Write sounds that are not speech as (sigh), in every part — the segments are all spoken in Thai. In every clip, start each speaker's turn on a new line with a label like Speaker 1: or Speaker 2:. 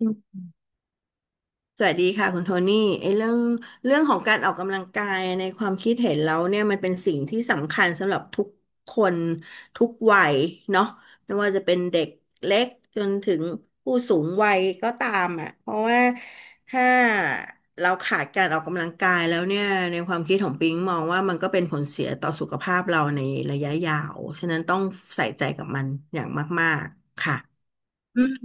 Speaker 1: อืมสวัสดีค่ะคุณโทนี่ไอ้เรื่องเรื่องของการออกกำลังกายในความคิดเห็นเราเนี่ยมันเป็นสิ่งที่สำคัญสำหรับทุกคนทุกวัยเนาะไม่ว่าจะเป็นเด็กเล็กจนถึงผู้สูงวัยก็ตามอ่ะเพราะว่าถ้าเราขาดการออกกำลังกายแล้วเนี่ยในความคิดของปิงมองว่ามันก็เป็นผลเสียต่อสุขภาพเราในระยะยาวฉะนั้นต้องใส่ใจกับมันอย่างมากๆค่ะอืม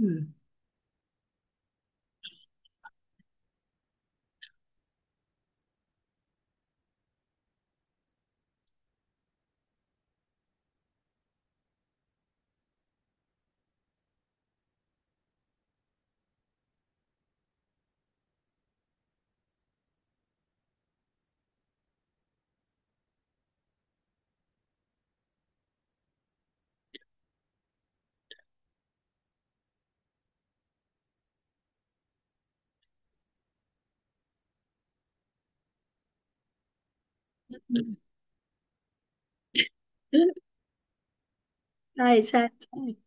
Speaker 1: ใช่ใช่ใช่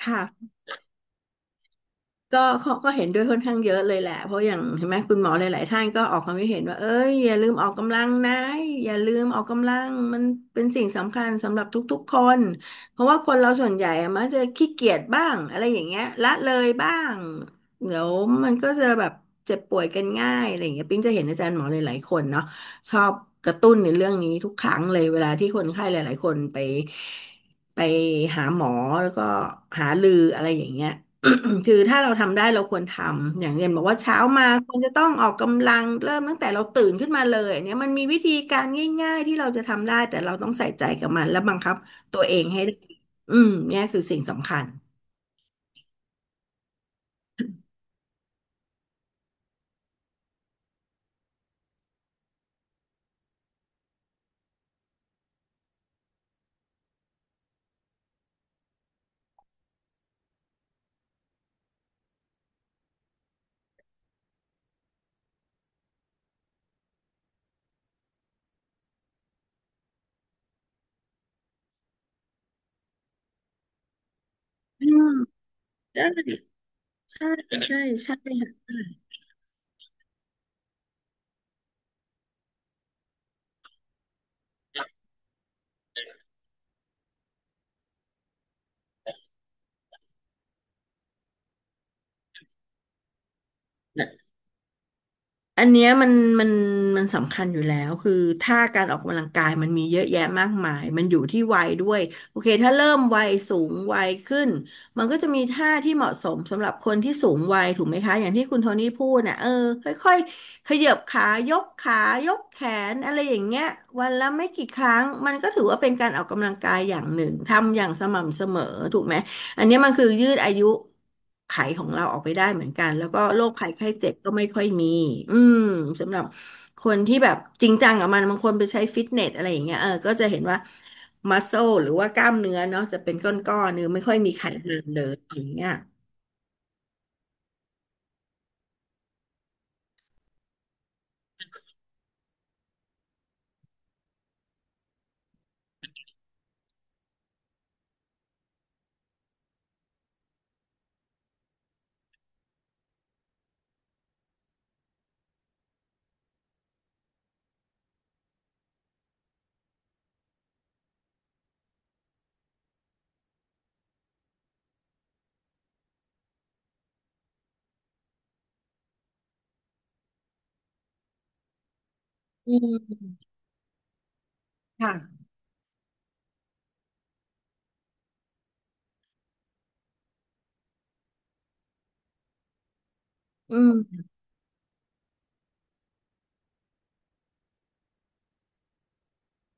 Speaker 1: ค่ะ ก็เขาก็เห็นด้วยค่อนข้างเยอะเลยแหละเพราะอย่างเห็นไหมคุณหมอหลายๆท่านก็ออกความคิดเห็นว่าเอ้ยอย่าลืมออกกำลังนะอย่าลืมออกกำลังมันเป็นสิ่งสำคัญสำหรับทุกๆคนเพราะว่าคนเราส่วนใหญ่อะมักจะขี้เกียจบ้างอะไรอย่างเงี้ยละเลยบ้างเดี๋ยวมันก็จะแบบเจ็บป่วยกันง่ายอะไรอย่างเงี้ยปิ๊งจะเห็นอาจารย์หมอหลายๆคนเนาะชอบกระตุ้นในเรื่องนี้ทุกครั้งเลยเวลาที่คนไข้หลายๆคนไปหาหมอแล้วก็หารืออะไรอย่างเงี้ย (coughs) (clears throat) คือถ้าเราทำได้เราควรทำอย่างเรียนบอกว่าเช้ามาควรจะต้องออกกำลังเริ่มตั้งแต่เราตื่นขึ้นมาเลยอันเนี่ยมันมีวิธีการง่ายๆที่เราจะทำได้แต่เราต้องใส่ใจกับมันและบังคับตัวเองให้ได้อืมเนี่ยคือสิ่งสำคัญอืมได้ใช่ใช่ใช่ค่ะ อันเนี้ยมันมันสำคัญอยู่แล้วคือถ้าการออกกำลังกายมันมีเยอะแยะมากมายมันอยู่ที่วัยด้วยโอเคถ้าเริ่มวัยสูงวัยขึ้นมันก็จะมีท่าที่เหมาะสมสำหรับคนที่สูงวัยถูกไหมคะอย่างที่คุณโทนี่พูดน่ะเออค่อยๆขยับขายกขายกแขนอะไรอย่างเงี้ยวันละไม่กี่ครั้งมันก็ถือว่าเป็นการออกกำลังกายอย่างหนึ่งทำอย่างสม่ำเสมอถูกไหม อันเนี้ยมันคือยืดอายุไขยของเราออกไปได้เหมือนกันแล้วก็โรคภัยไข้เจ็บก็ไม่ค่อยมีอืมสำหรับคนที่แบบจริงจังกับมันบางคนไปใช้ฟิตเนสอะไรอย่างเงี้ยเออก็จะเห็นว่ามัสโซหรือว่ากล้ามเนื้อเนาะจะเป็นก้อนๆเนื้อไม่ค่อยมีไขมันเลยอย่างเงี้ยอืมค่ะอืม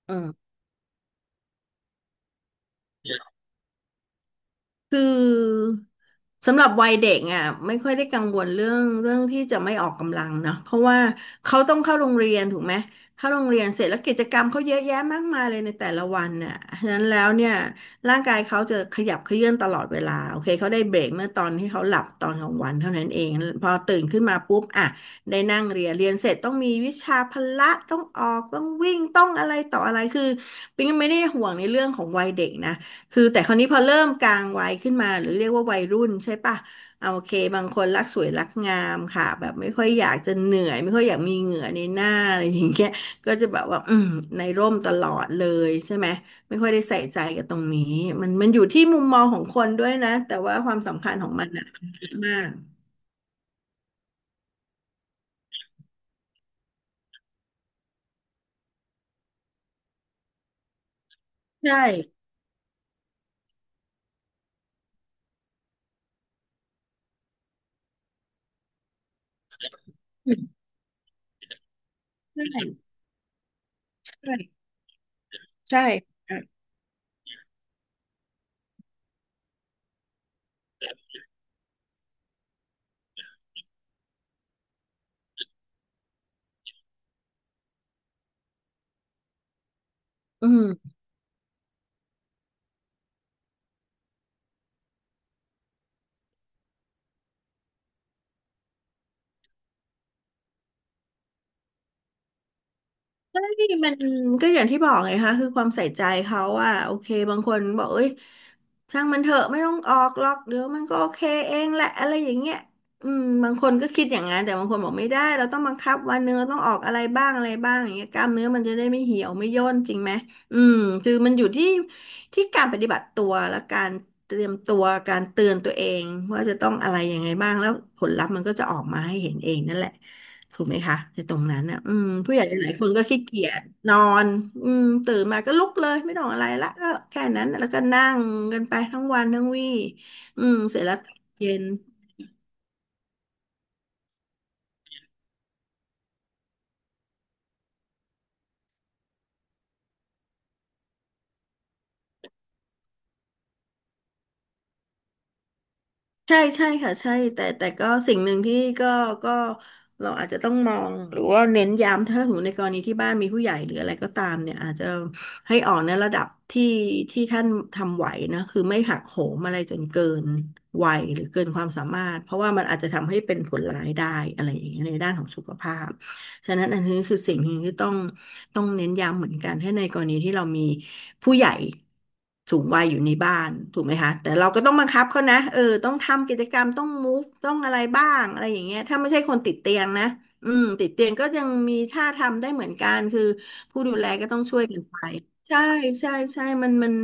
Speaker 1: เออ คือสำหรับวัยเด็กอ่ะไม่ค่อยได้กังวลเรื่องที่จะไม่ออกกำลังเนาะเพราะว่าเขาต้องเข้าโรงเรียนถูกไหมเข้าโรงเรียนเสร็จแล้วกิจกรรมเขาเยอะแยะมากมายเลยในแต่ละวันน่ะฉะนั้นแล้วเนี่ยร่างกายเขาจะขยับเขยื้อนตลอดเวลาโอเคเขาได้เบรกเมื่อตอนที่เขาหลับตอนกลางวันเท่านั้นเองพอตื่นขึ้นมาปุ๊บอ่ะได้นั่งเรียนเรียนเสร็จต้องมีวิชาพละต้องออกต้องวิ่งต้องอะไรต่ออะไรคือปิ๊งไม่ได้ห่วงในเรื่องของวัยเด็กนะ คือแต่คราวนี้พอเริ่มกลางวัยขึ้นมาหรือเรียกว่าวัยรุ่นใช่ปะเอาโอเคบางคนรักสวยรักงามค่ะแบบไม่ค่อยอยากจะเหนื่อยไม่ค่อยอยากมีเหงื่อในหน้าอะไรอย่างเงี้ยก็จะแบบว่าในร่มตลอดเลยใช่ไหมไม่ค่อยได้ใส่ใจกับตรงนี้มันอยู่ที่มุมมองของคนด้วยนะแต่ว่าความสำคัญของมันน่ะมากใช่ใช่ใช่ใช่อืม ใช่มันก็อย่างที่บอกไงคะคือความใส่ใจเขาว่าโอเคบางคนบอกเอ้ยช่างมันเถอะไม่ต้องออกหรอกเดี๋ยวมันก็โอเคเองแหละอะไรอย่างเงี้ยอืมบางคนก็คิดอย่างนั้นแต่บางคนบอกไม่ได้เราต้องบังคับวันหนึงเราต้องออกอะไรบ้างอะไรบ้างอย่างเงี้ยกล้ามเนื้อมันจะได้ไม่เหี่ยวไม่ย่นจริงไหมอืมคือมันอยู่ที่การปฏิบัติตัวและการเตรียมตัวการเตือนตัวเองว่าจะต้องอะไรยังไงบ้างแล้วผลลัพธ์มันก็จะออกมาให้เห็นเองนั่นแหละ ถูกไหมคะในตรงนั้นอ่ะอืมผู้ใหญ่หลายคนก็ขี้เกียจนอนอืมตื่นมาก็ลุกเลยไม่ต้องอะไรละก็แค่นั้นแล้วก็นั่งกันไปทั้งวันทั้งวี่อืมเสร็จแล้วตอนเย็น ใช่ใช่ค่ะใช่แต่ก็สิ่งหนึ่งที่ก็ก็เราอาจจะต้องมองหรือว่าเน้นย้ำถ้าสมมติในกรณีที่บ้านมีผู้ใหญ่หรืออะไรก็ตามเนี่ยอาจจะให้ออกในระดับที่ท่านทำไหวนะคือไม่หักโหมอะไรจนเกินวัยหรือเกินความสามารถเพราะว่ามันอาจจะทำให้เป็นผลร้ายได้อะไรอย่างเงี้ยในด้านของสุขภาพ ฉะนั้นอันนี้คือสิ่งหนึ่งที่ต้องเน้นย้ำเหมือนกันถ้าในกรณีที่เรามีผู้ใหญ่สูงวัยอยู่ในบ้านถูกไหมคะแต่เราก็ต้องบังคับเขานะเออต้องทำกิจกรรมต้องมูฟต้องอะไรบ้างอะไรอย่างเงี้ยถ้าไม่ใช่คนติดเตียงนะอืมติดเตียงก็ยังมีท่าทำได้เหมือนกันคือผู้ดูแลก็ต้องช่วยกันไปใช่ใช่ใช่มัน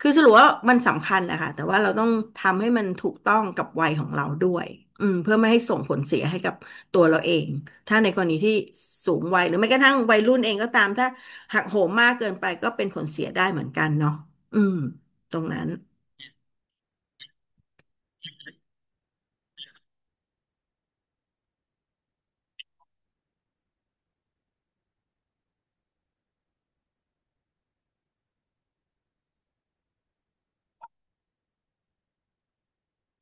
Speaker 1: คือสรุปว่ามันสำคัญแหละค่ะแต่ว่าเราต้องทำให้มันถูกต้องกับวัยของเราด้วยอืมเพื่อไม่ให้ส่งผลเสียให้กับตัวเราเองถ้าในกรณีที่สูงวัยหรือแม้กระทั่งวัยรุ่นเองก็ตามถ้าหักโหมมากเกินไปก็เป็นผลเสียได้เหมือนกันเนาะอืมตรงนั้น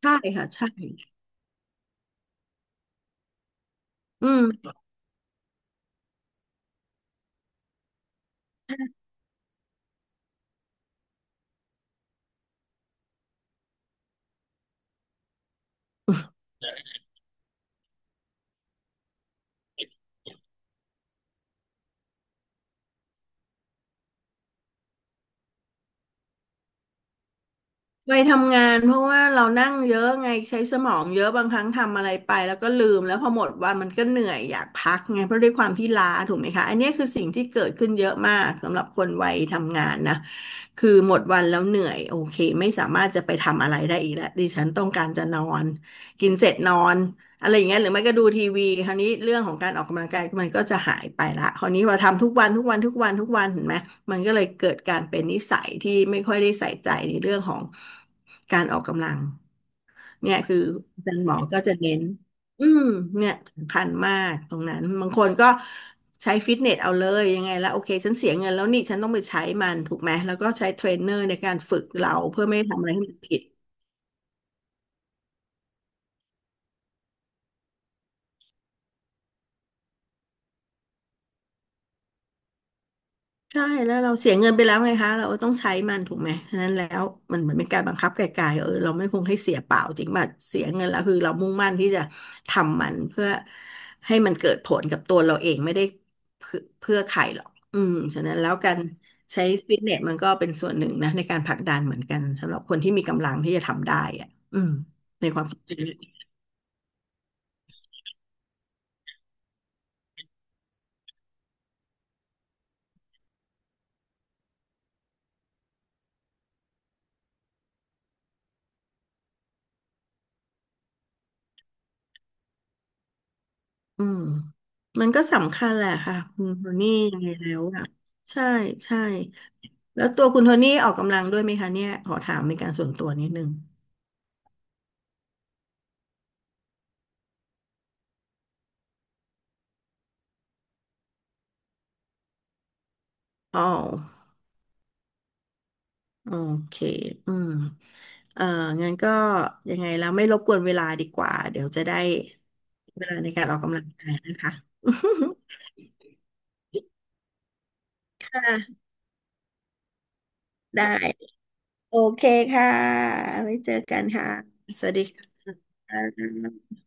Speaker 1: ใช่ค่ะใช่อืม ไปทำงานเพราะว่าเรานั่งเยอะไงใช้สมองเยอะบางครั้งทำอะไรไปแล้วก็ลืมแล้วพอหมดวันมันก็เหนื่อยอยากพักไงเพราะด้วยความที่ล้าถูกไหมคะอันเนี้ยคือสิ่งที่เกิดขึ้นเยอะมากสำหรับคนวัยทำงานนะคือหมดวันแล้วเหนื่อยโอเคไม่สามารถจะไปทำอะไรได้อีกแล้วดิฉันต้องการจะนอนกินเสร็จนอน อะไรอย่างเงี้ยหรือไม่ก็ดูทีวีคราวนี้เรื่องของการออกกำลังกายมันก็จะหายไปละคราวนี้เราทำทุกวันทุกวันทุกวันทุกวันเห็นไหมมันก็เลยเกิดการเป็นนิสัยที่ไม่ค่อยได้ใส่ใจในเรื่องของการออกกำลังเนี่ยคืออาจารย์หมอก็จะเน้นอืมเนี่ยสำคัญมากตรงนั้นบางคนก็ใช้ฟิตเนสเอาเลยยังไงแล้วโอเคฉันเสียเงินแล้วนี่ฉันต้องไปใช้มันถูกไหมแล้วก็ใช้เทรนเนอร์ในการฝึกเราเพื่อไม่ให้ทำอะไรให้มันผิด ใช่แล้วเราเสียเงินไปแล้วไงคะเราต้องใช้มันถูกไหมฉะนั้นแล้วมันเหมือนเป็นการบังคับไกลๆเออเราไม่คงให้เสียเปล่าจริงป่ะเสียเงินแล้วคือเรามุ่งมั่นที่จะทำมันเพื่อให้มันเกิดผลกับตัวเราเองไม่ได้เพื่อใครหรอกอืมฉะนั้นแล้วการใช้ฟิตเนสมันก็เป็นส่วนหนึ่งนะในการผลักดันเหมือนกันสำหรับคนที่มีกำลังที่จะทำได้อ่ะอืมในความคิดเห็นอืมมันก็สำคัญแหละค่ะคุณโทนี่ยังไงแล้วอ่ะใช่ใช่ แล้วตัวคุณโทนี่ออกกำลังด้วยไหมคะเนี่ยขอถามเป็นการส่วนตัวนิดนึงอ๋อโอเคอืมเอ่องั้นก็ยังไงแล้วไม่รบกวนเวลาดีกว่าเดี๋ยวจะได้เวลาในการออกกำลังกายนะคะ (laughs) ค่ะได้โอเคค่ะไว้เจอกันค่ะ สวัสดีค่ะ